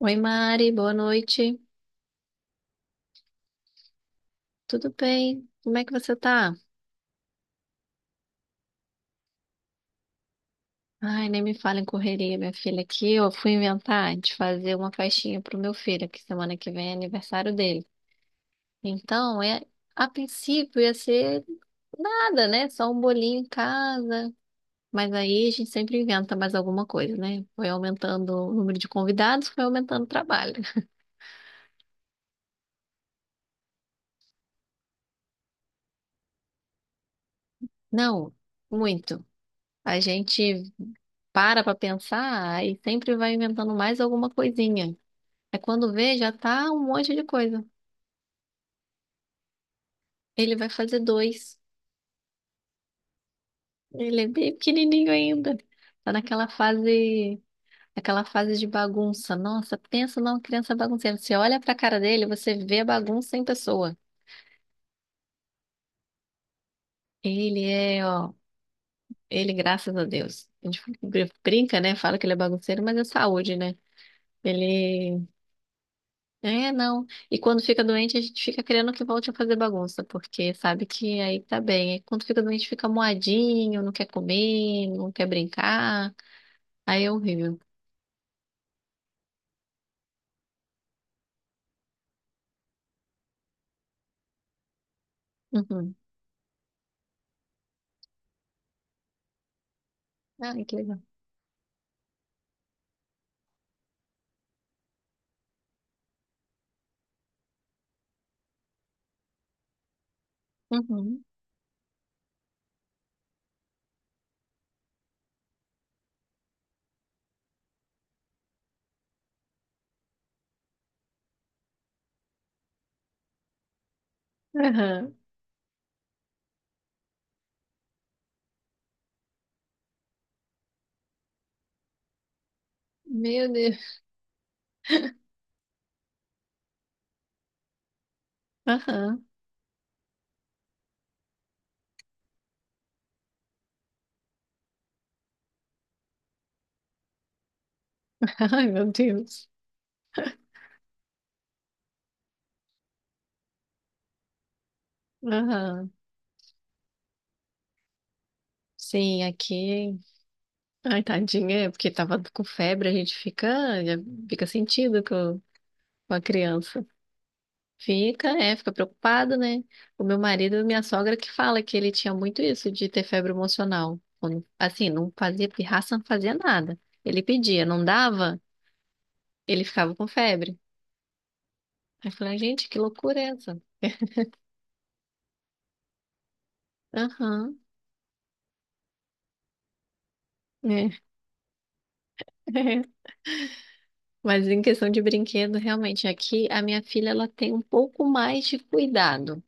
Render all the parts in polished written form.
Oi, Mari, boa noite. Tudo bem? Como é que você tá? Ai, nem me fala em correria, minha filha, aqui eu fui inventar de fazer uma festinha pro meu filho, que semana que vem é aniversário dele. Então, a princípio ia ser nada, né? Só um bolinho em casa. Mas aí a gente sempre inventa mais alguma coisa, né? Foi aumentando o número de convidados, foi aumentando o trabalho. Não, muito. A gente para pra pensar e sempre vai inventando mais alguma coisinha. É quando vê, já tá um monte de coisa. Ele vai fazer dois. Ele é bem pequenininho ainda. Tá naquela fase de bagunça. Nossa, pensa numa criança bagunceira. Você olha pra cara dele, você vê a bagunça em pessoa. Ele é, ó, ele, graças a Deus. A gente brinca, né? Fala que ele é bagunceiro, mas é saúde, né? Ele É, não. E quando fica doente, a gente fica querendo que volte a fazer bagunça, porque sabe que aí tá bem. Aí quando fica doente, fica moadinho, não quer comer, não quer brincar. Aí é horrível. Uhum. Ai, que legal. Uhum. Aham. Meu Deus. Aham. Ai, meu Deus. Aham. Sim, aqui. Ai, tadinha, é porque tava com febre, a gente fica, já fica sentido com a criança. Fica, é, fica preocupado, né? O meu marido e minha sogra que fala que ele tinha muito isso de ter febre emocional. Assim, não fazia pirraça, não fazia nada. Ele pedia, não dava, ele ficava com febre. Aí eu falei, gente, que loucura é essa? Aham, né? Mas em questão de brinquedo, realmente, aqui a minha filha ela tem um pouco mais de cuidado.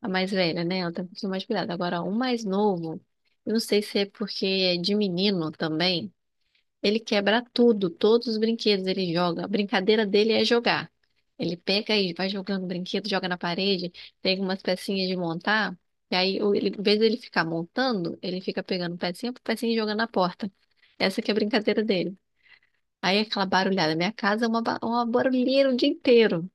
A mais velha, né? Ela tem um pouquinho mais de cuidado. Agora, o mais novo, eu não sei se é porque é de menino também. Ele quebra tudo, todos os brinquedos ele joga. A brincadeira dele é jogar. Ele pega e vai jogando o brinquedo, joga na parede, pega umas pecinhas de montar, e aí, ele, em vez dele ficar montando, ele fica pegando pecinha por pecinha e jogando na porta. Essa que é a brincadeira dele. Aí é aquela barulhada. Minha casa é uma barulheira o dia inteiro.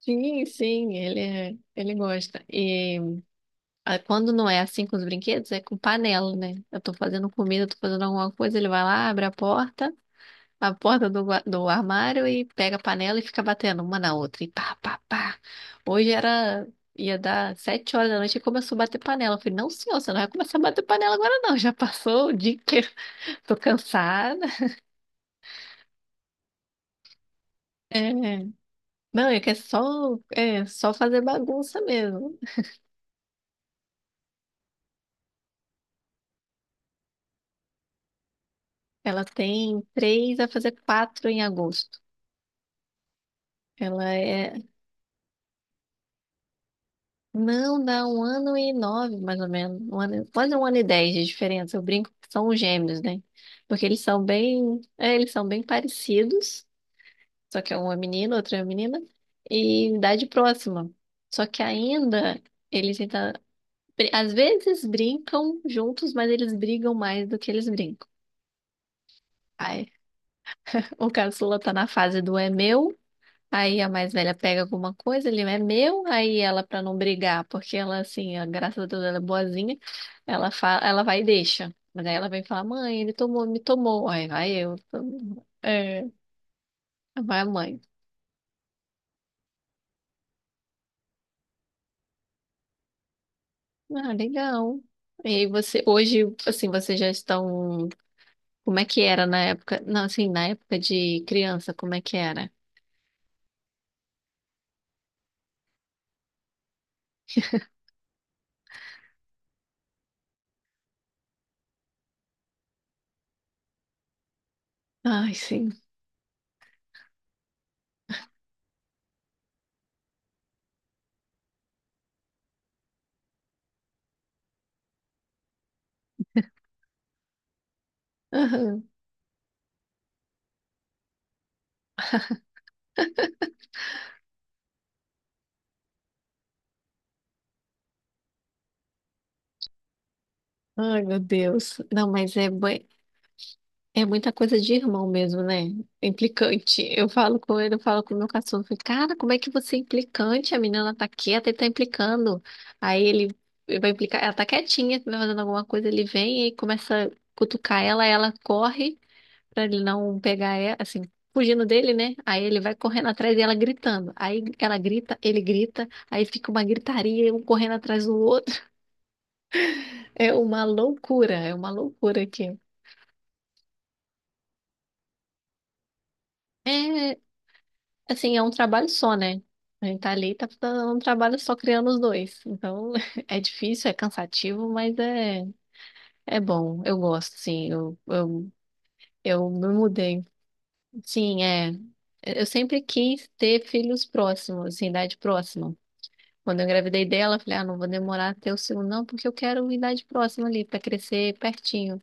Sim, sim, ele gosta. E quando não é assim com os brinquedos, é com panela, né? Eu tô fazendo comida, tô fazendo alguma coisa, ele vai lá, abre a porta. Do armário e pega a panela e fica batendo uma na outra. E pá, pá, pá. Hoje era. Ia dar 7 horas da noite e começou a bater panela. Eu falei, não, senhor, você não vai começar a bater panela agora, não. Já passou o dia inteiro. Tô cansada. É. Não, é que é só fazer bagunça mesmo. Ela tem três a fazer quatro em agosto. Ela é Não, dá um ano e nove, mais ou menos. Um ano, quase um ano e dez de diferença. Eu brinco que são gêmeos, né? Porque eles são bem parecidos, só que um é menino, outro é menina, e em idade próxima. Só que ainda eles ainda, br- às vezes brincam juntos, mas eles brigam mais do que eles brincam. Ai, o caçula tá na fase do é meu. Aí a mais velha pega alguma coisa, ele é meu, aí ela, pra não brigar, porque graças a Deus, ela é boazinha, ela fala, ela vai e deixa. Mas aí ela vem falar, mãe, ele tomou, me tomou. Aí vai eu, é, vai a mãe. Ah, legal. E aí você, hoje, assim, vocês já estão, como é que era na época? Não, assim, na época de criança, como é que era? Ai, sim. Aham. Ai, meu Deus. Não, mas é muita coisa de irmão mesmo, né? É implicante. Eu falo com ele, eu falo com o meu cachorro. Cara, como é que você é implicante? A menina tá quieta e tá implicando. Aí ele vai implicar. Ela tá quietinha, vai fazendo alguma coisa, ele vem e começa a cutucar ela, ela corre pra ele não pegar ela, assim, fugindo dele, né? Aí ele vai correndo atrás e ela gritando. Aí ela grita, ele grita, aí fica uma gritaria, um correndo atrás do outro. É uma loucura aqui. É Assim, é um trabalho só, né? A gente tá ali, e tá fazendo um trabalho só criando os dois. Então, é difícil, é cansativo, mas é bom. Eu gosto, sim. Eu me mudei. Sim, é. Eu sempre quis ter filhos próximos, assim, idade próxima. Quando eu engravidei dela, eu falei, ah, não vou demorar até o segundo, não, porque eu quero idade próxima ali, pra crescer pertinho.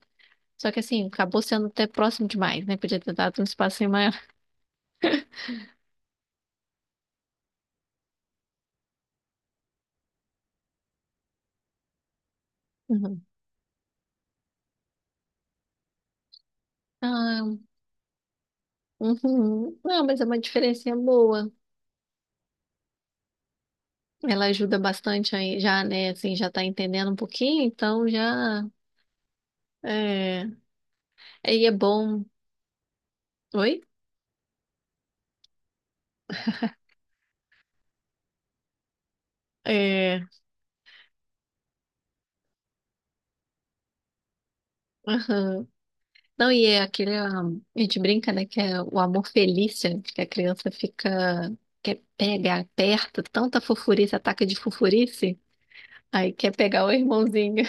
Só que assim, acabou sendo até próximo demais, né? Podia ter dado um espacinho maior. Uhum. Ah, uhum. Não, mas é uma diferencinha boa. Ela ajuda bastante aí, já, né? Assim, já tá entendendo um pouquinho, então já. É, e é bom. Oi? É. Aham. Não, e é a gente brinca, né? Que é o amor felício, que a criança fica. Quer pegar, aperta, tanta fofurice, ataque de fofurice, aí quer pegar o irmãozinho.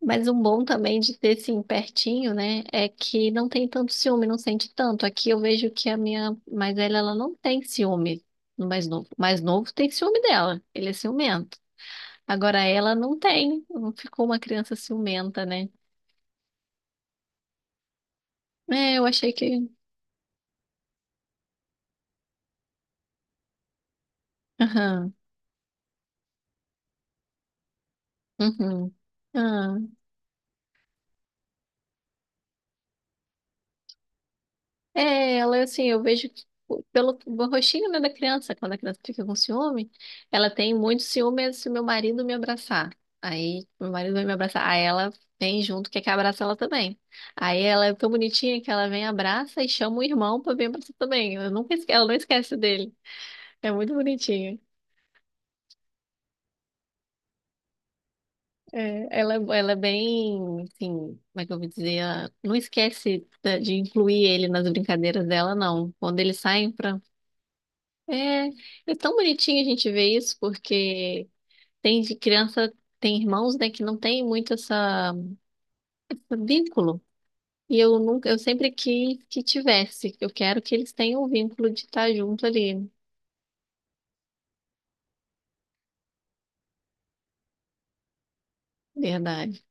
Mas um bom também de ter, assim, pertinho, né, é que não tem tanto ciúme, não sente tanto. Aqui eu vejo que a minha mais velha, ela não tem ciúme no mais novo. O mais novo tem ciúme dela, ele é ciumento. Agora ela não tem, não ficou uma criança ciumenta, né? É, eu achei que... Aham, uhum, ah. É, ela assim, eu vejo que pelo rostinho, né, da criança, quando a criança fica com ciúme, ela tem muito ciúme se meu marido me abraçar. Aí meu marido vai me abraçar, aí ela vem junto, quer que abraça ela também. Aí ela é tão bonitinha que ela vem, abraça e chama o irmão pra vir abraçar também. Eu nunca esque... Ela não esquece dele. É muito bonitinha. É, ela é bem, assim, como é que eu vou dizer? Ela não esquece da- de incluir ele nas brincadeiras dela, não. Quando eles saem pra É, é tão bonitinho a gente ver isso, porque tem de criança, tem irmãos, né, que não tem muito essa, esse vínculo. E eu nunca, eu sempre quis que tivesse. Eu quero que eles tenham o vínculo de estar junto ali. Verdade.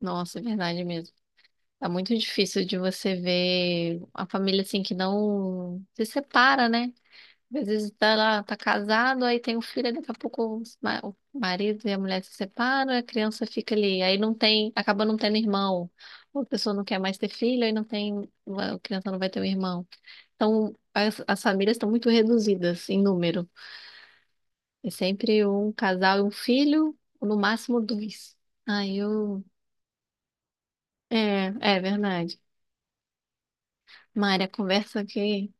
Nossa, é verdade mesmo. Tá muito difícil de você ver a família assim que não se separa, né? Às vezes tá lá, tá casado, aí tem um filho, aí daqui a pouco o marido e a mulher se separam, a criança fica ali, aí não tem, acaba não tendo irmão. Ou a pessoa não quer mais ter filho, aí não tem, a criança não vai ter um irmão. Então, as famílias estão muito reduzidas em número. É sempre um casal e um filho, ou no máximo dois. Aí eu. É, é verdade. Mária, a conversa aqui.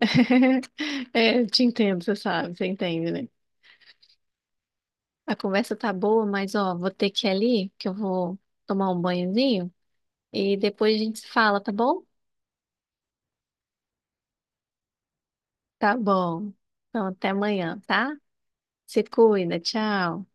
É, eu te entendo, você sabe, você entende, né? A conversa tá boa, mas ó, vou ter que ir ali, que eu vou tomar um banhozinho e depois a gente se fala, tá bom? Tá bom. Então até amanhã, tá? Se cuida, tchau.